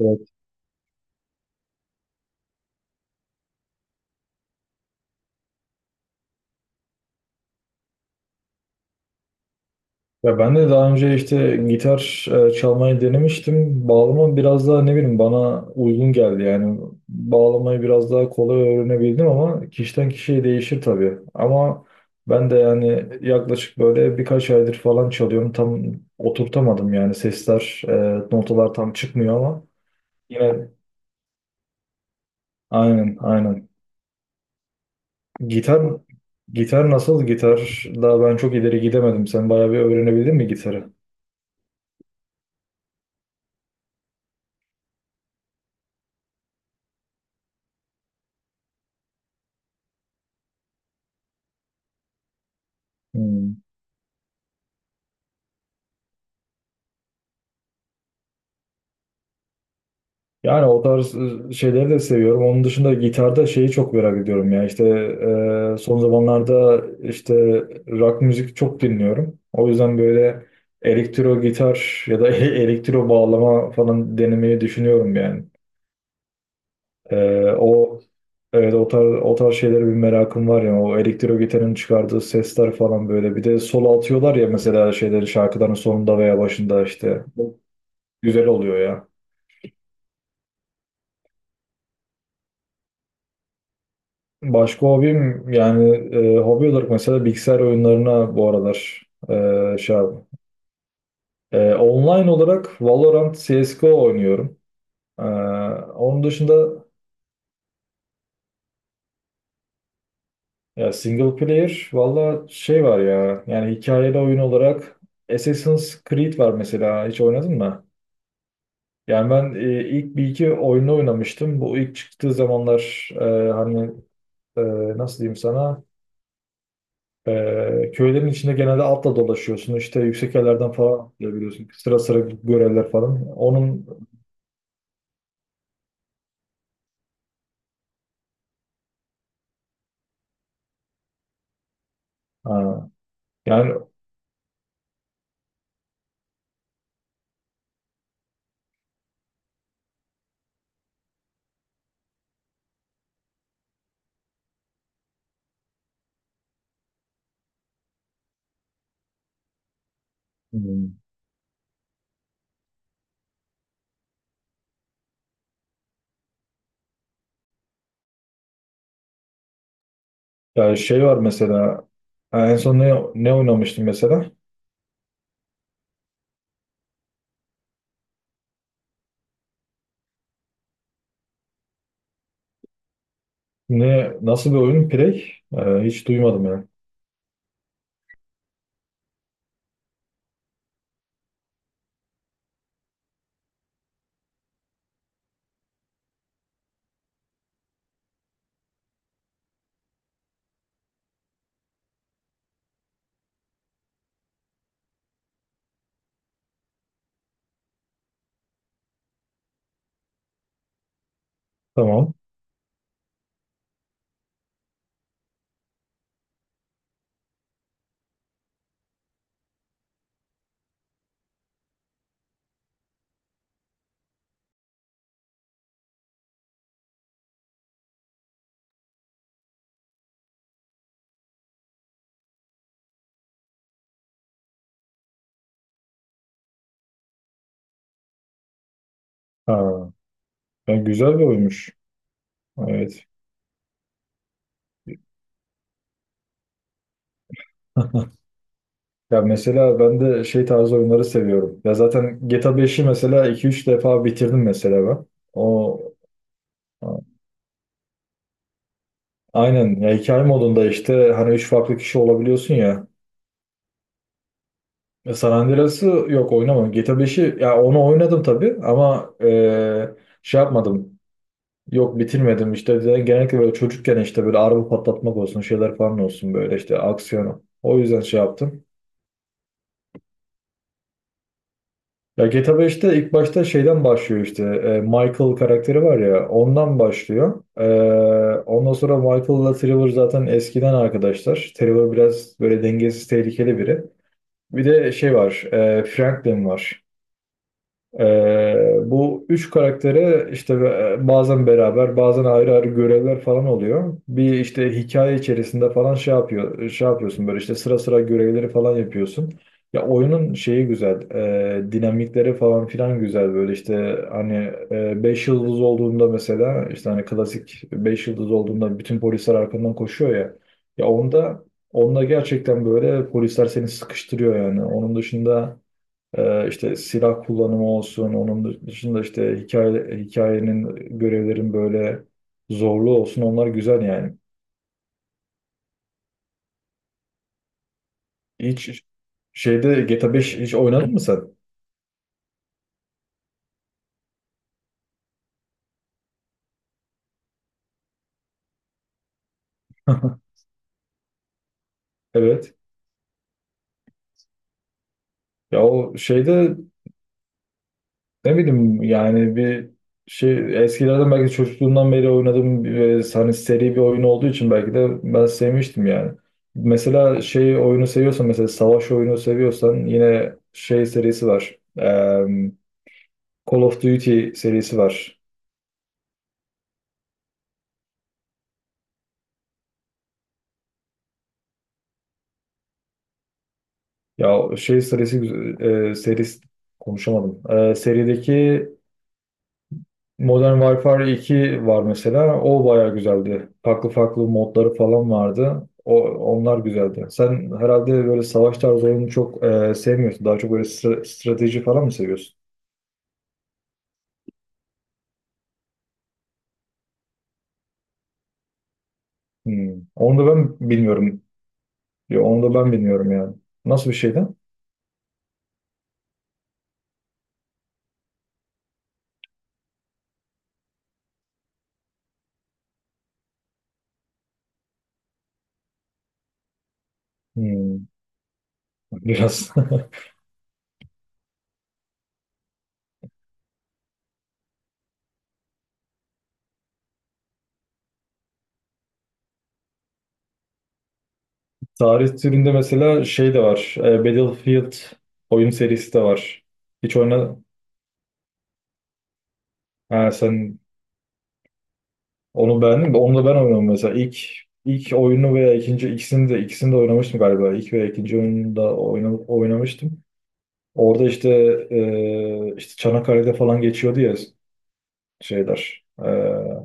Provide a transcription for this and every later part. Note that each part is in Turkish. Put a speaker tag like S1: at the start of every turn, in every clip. S1: Evet. Ya ben de daha önce işte gitar çalmayı denemiştim. Bağlama biraz daha ne bileyim bana uygun geldi yani. Bağlamayı biraz daha kolay öğrenebildim ama kişiden kişiye değişir tabii. Ama ben de yani yaklaşık böyle birkaç aydır falan çalıyorum. Tam oturtamadım yani sesler, notalar tam çıkmıyor ama yine. Aynen, aynen. Gitar gitar nasıl? Gitar daha ben çok ileri gidemedim. Sen bayağı bir öğrenebildin mi gitarı? Hmm. Yani o tarz şeyleri de seviyorum. Onun dışında gitarda şeyi çok merak ediyorum ya. İşte son zamanlarda işte rock müzik çok dinliyorum. O yüzden böyle elektro gitar ya da elektro bağlama falan denemeyi düşünüyorum yani. E, o evet, o tarz şeylere bir merakım var ya. O elektro gitarın çıkardığı sesler falan böyle. Bir de solo atıyorlar ya mesela şeyleri şarkıların sonunda veya başında işte. Güzel oluyor ya. Başka hobim yani hobi olarak mesela bilgisayar oyunlarına bu aralar. Online olarak Valorant CSGO oynuyorum. E, Onun dışında ya single player valla şey var ya yani hikayeli oyun olarak Assassin's Creed var mesela hiç oynadın mı? Yani ben ilk bir iki oyunu oynamıştım. Bu ilk çıktığı zamanlar hani e, nasıl diyeyim sana? Köylerin içinde genelde atla dolaşıyorsun. İşte yüksek yerlerden falan atlayabiliyorsun. Sıra sıra göreller falan. Onun ha, yani, hmm, yani şey var mesela ha, en son ne oynamıştım mesela? Nasıl bir oyun? Prey? Hiç duymadım yani. Tamam. Ha, yani güzel bir oyunmuş. Evet. Ya mesela ben de şey tarzı oyunları seviyorum. Ya zaten GTA 5'i mesela iki üç defa bitirdim mesela ben. O Aynen, ya hikaye modunda işte hani üç farklı kişi olabiliyorsun ya. San Andreas'ı yok, oynamadım. GTA 5'i ya onu oynadım tabii ama şey yapmadım. Yok, bitirmedim işte. Genellikle böyle çocukken işte böyle araba patlatmak olsun şeyler falan olsun böyle işte aksiyonu. O yüzden şey yaptım. Ya GTA 5'te ilk başta şeyden başlıyor işte Michael karakteri var ya ondan başlıyor. Ondan sonra Michael'la Trevor zaten eskiden arkadaşlar. Trevor biraz böyle dengesiz, tehlikeli biri. Bir de şey var. Franklin var. Ee, Bu üç karaktere işte bazen beraber bazen ayrı ayrı görevler falan oluyor. Bir işte hikaye içerisinde falan şey yapıyor, şey yapıyorsun böyle işte sıra sıra görevleri falan yapıyorsun. Ya oyunun şeyi güzel, dinamikleri falan filan güzel böyle işte hani beş yıldız olduğunda mesela işte hani klasik beş yıldız olduğunda bütün polisler arkandan koşuyor ya. Ya onda gerçekten böyle polisler seni sıkıştırıyor yani. Onun dışında. İşte silah kullanımı olsun, onun dışında işte hikayenin, görevlerin böyle zorluğu olsun onlar güzel yani. Hiç şeyde GTA 5 hiç oynadın mı sen? Evet. Ya o şeyde ne bileyim yani bir şey eskilerden belki çocukluğumdan beri oynadığım bir, hani seri bir oyun olduğu için belki de ben sevmiştim yani. Mesela şey oyunu seviyorsan mesela savaş oyunu seviyorsan yine şey serisi var. Call of Duty serisi var. Ya şey serisi konuşamadım. Serideki Modern Warfare 2 var mesela. O bayağı güzeldi. Farklı farklı modları falan vardı. Onlar güzeldi. Sen herhalde böyle savaş tarzı oyunu çok sevmiyorsun. Daha çok böyle strateji falan mı seviyorsun? Hmm. Onu da ben bilmiyorum. Ya, onu da ben bilmiyorum yani. Nasıl bir şeydi? Hmm. Biraz. Tarih türünde mesela şey de var. Battlefield oyun serisi de var. Hiç oyna... Ha, sen onu beğendin mi? Onu da ben oynadım mesela. İlk oyunu veya ikinci ikisini de oynamıştım galiba. İlk veya ikinci oyunu da oynamıştım. Orada işte işte Çanakkale'de falan geçiyordu ya şeyler.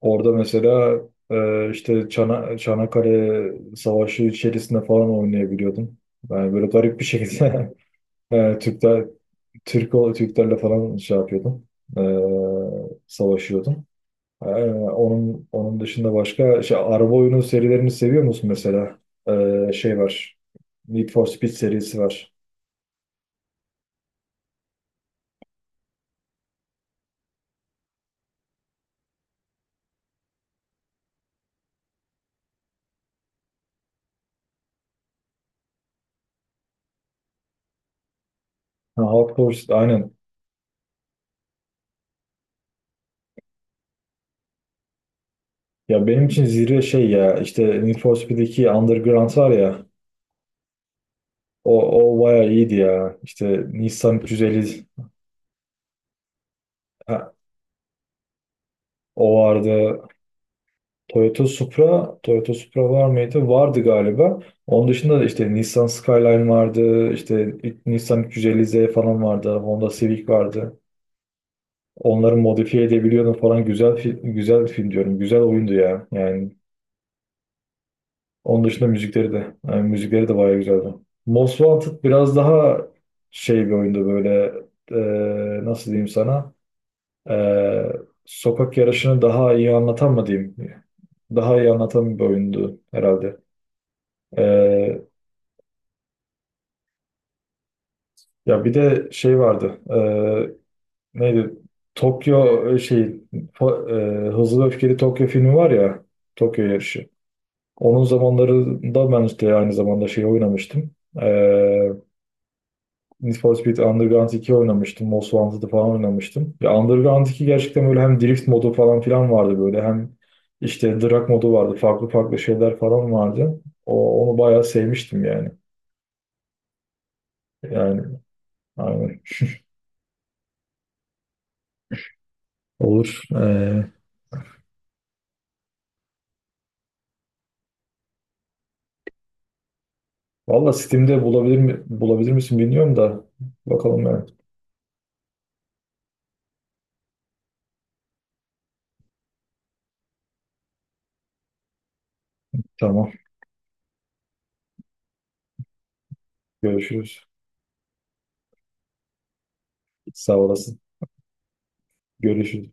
S1: Orada mesela işte Çanakkale Savaşı içerisinde falan oynayabiliyordum. Yani böyle garip bir şekilde e, Türkler Türklerle falan şey yapıyordum. Savaşıyordum. Ee, onun dışında başka şey, araba oyunu serilerini seviyor musun mesela? Şey var. Need for Speed serisi var. Ha, Hot Pursuit aynen. Ya benim için zirve şey ya işte Need for Speed'deki Underground var ya o, o bayağı iyiydi ya. İşte Nissan 350 ha, o vardı. Toyota Supra var mıydı? Vardı galiba. Onun dışında da işte Nissan Skyline vardı, işte Nissan 350Z falan vardı, Honda Civic vardı. Onları modifiye edebiliyordum falan. Güzel film diyorum. Güzel oyundu ya. Yani onun dışında müzikleri de bayağı güzeldi. Most Wanted biraz daha şey bir oyundu böyle nasıl diyeyim sana? E, Sokak yarışını daha iyi anlatan mı diyeyim? Daha iyi anlatan bir oyundu herhalde. Ya bir de şey vardı. Neydi? Tokyo e, şey fo- e, Hızlı ve Öfkeli Tokyo filmi var ya. Tokyo yarışı. Onun zamanlarında ben işte aynı zamanda şey oynamıştım. Ee, Need for Speed Underground 2 oynamıştım. Most Wanted'ı falan oynamıştım. Ya Underground 2 gerçekten böyle hem drift modu falan filan vardı böyle. Hem işte drag modu vardı. Farklı farklı şeyler falan vardı. Onu bayağı sevmiştim yani. Yani aynen. Olur. Valla Steam'de bulabilir misin bilmiyorum da. Bakalım yani. Tamam. Görüşürüz. Sağ olasın. Görüşürüz.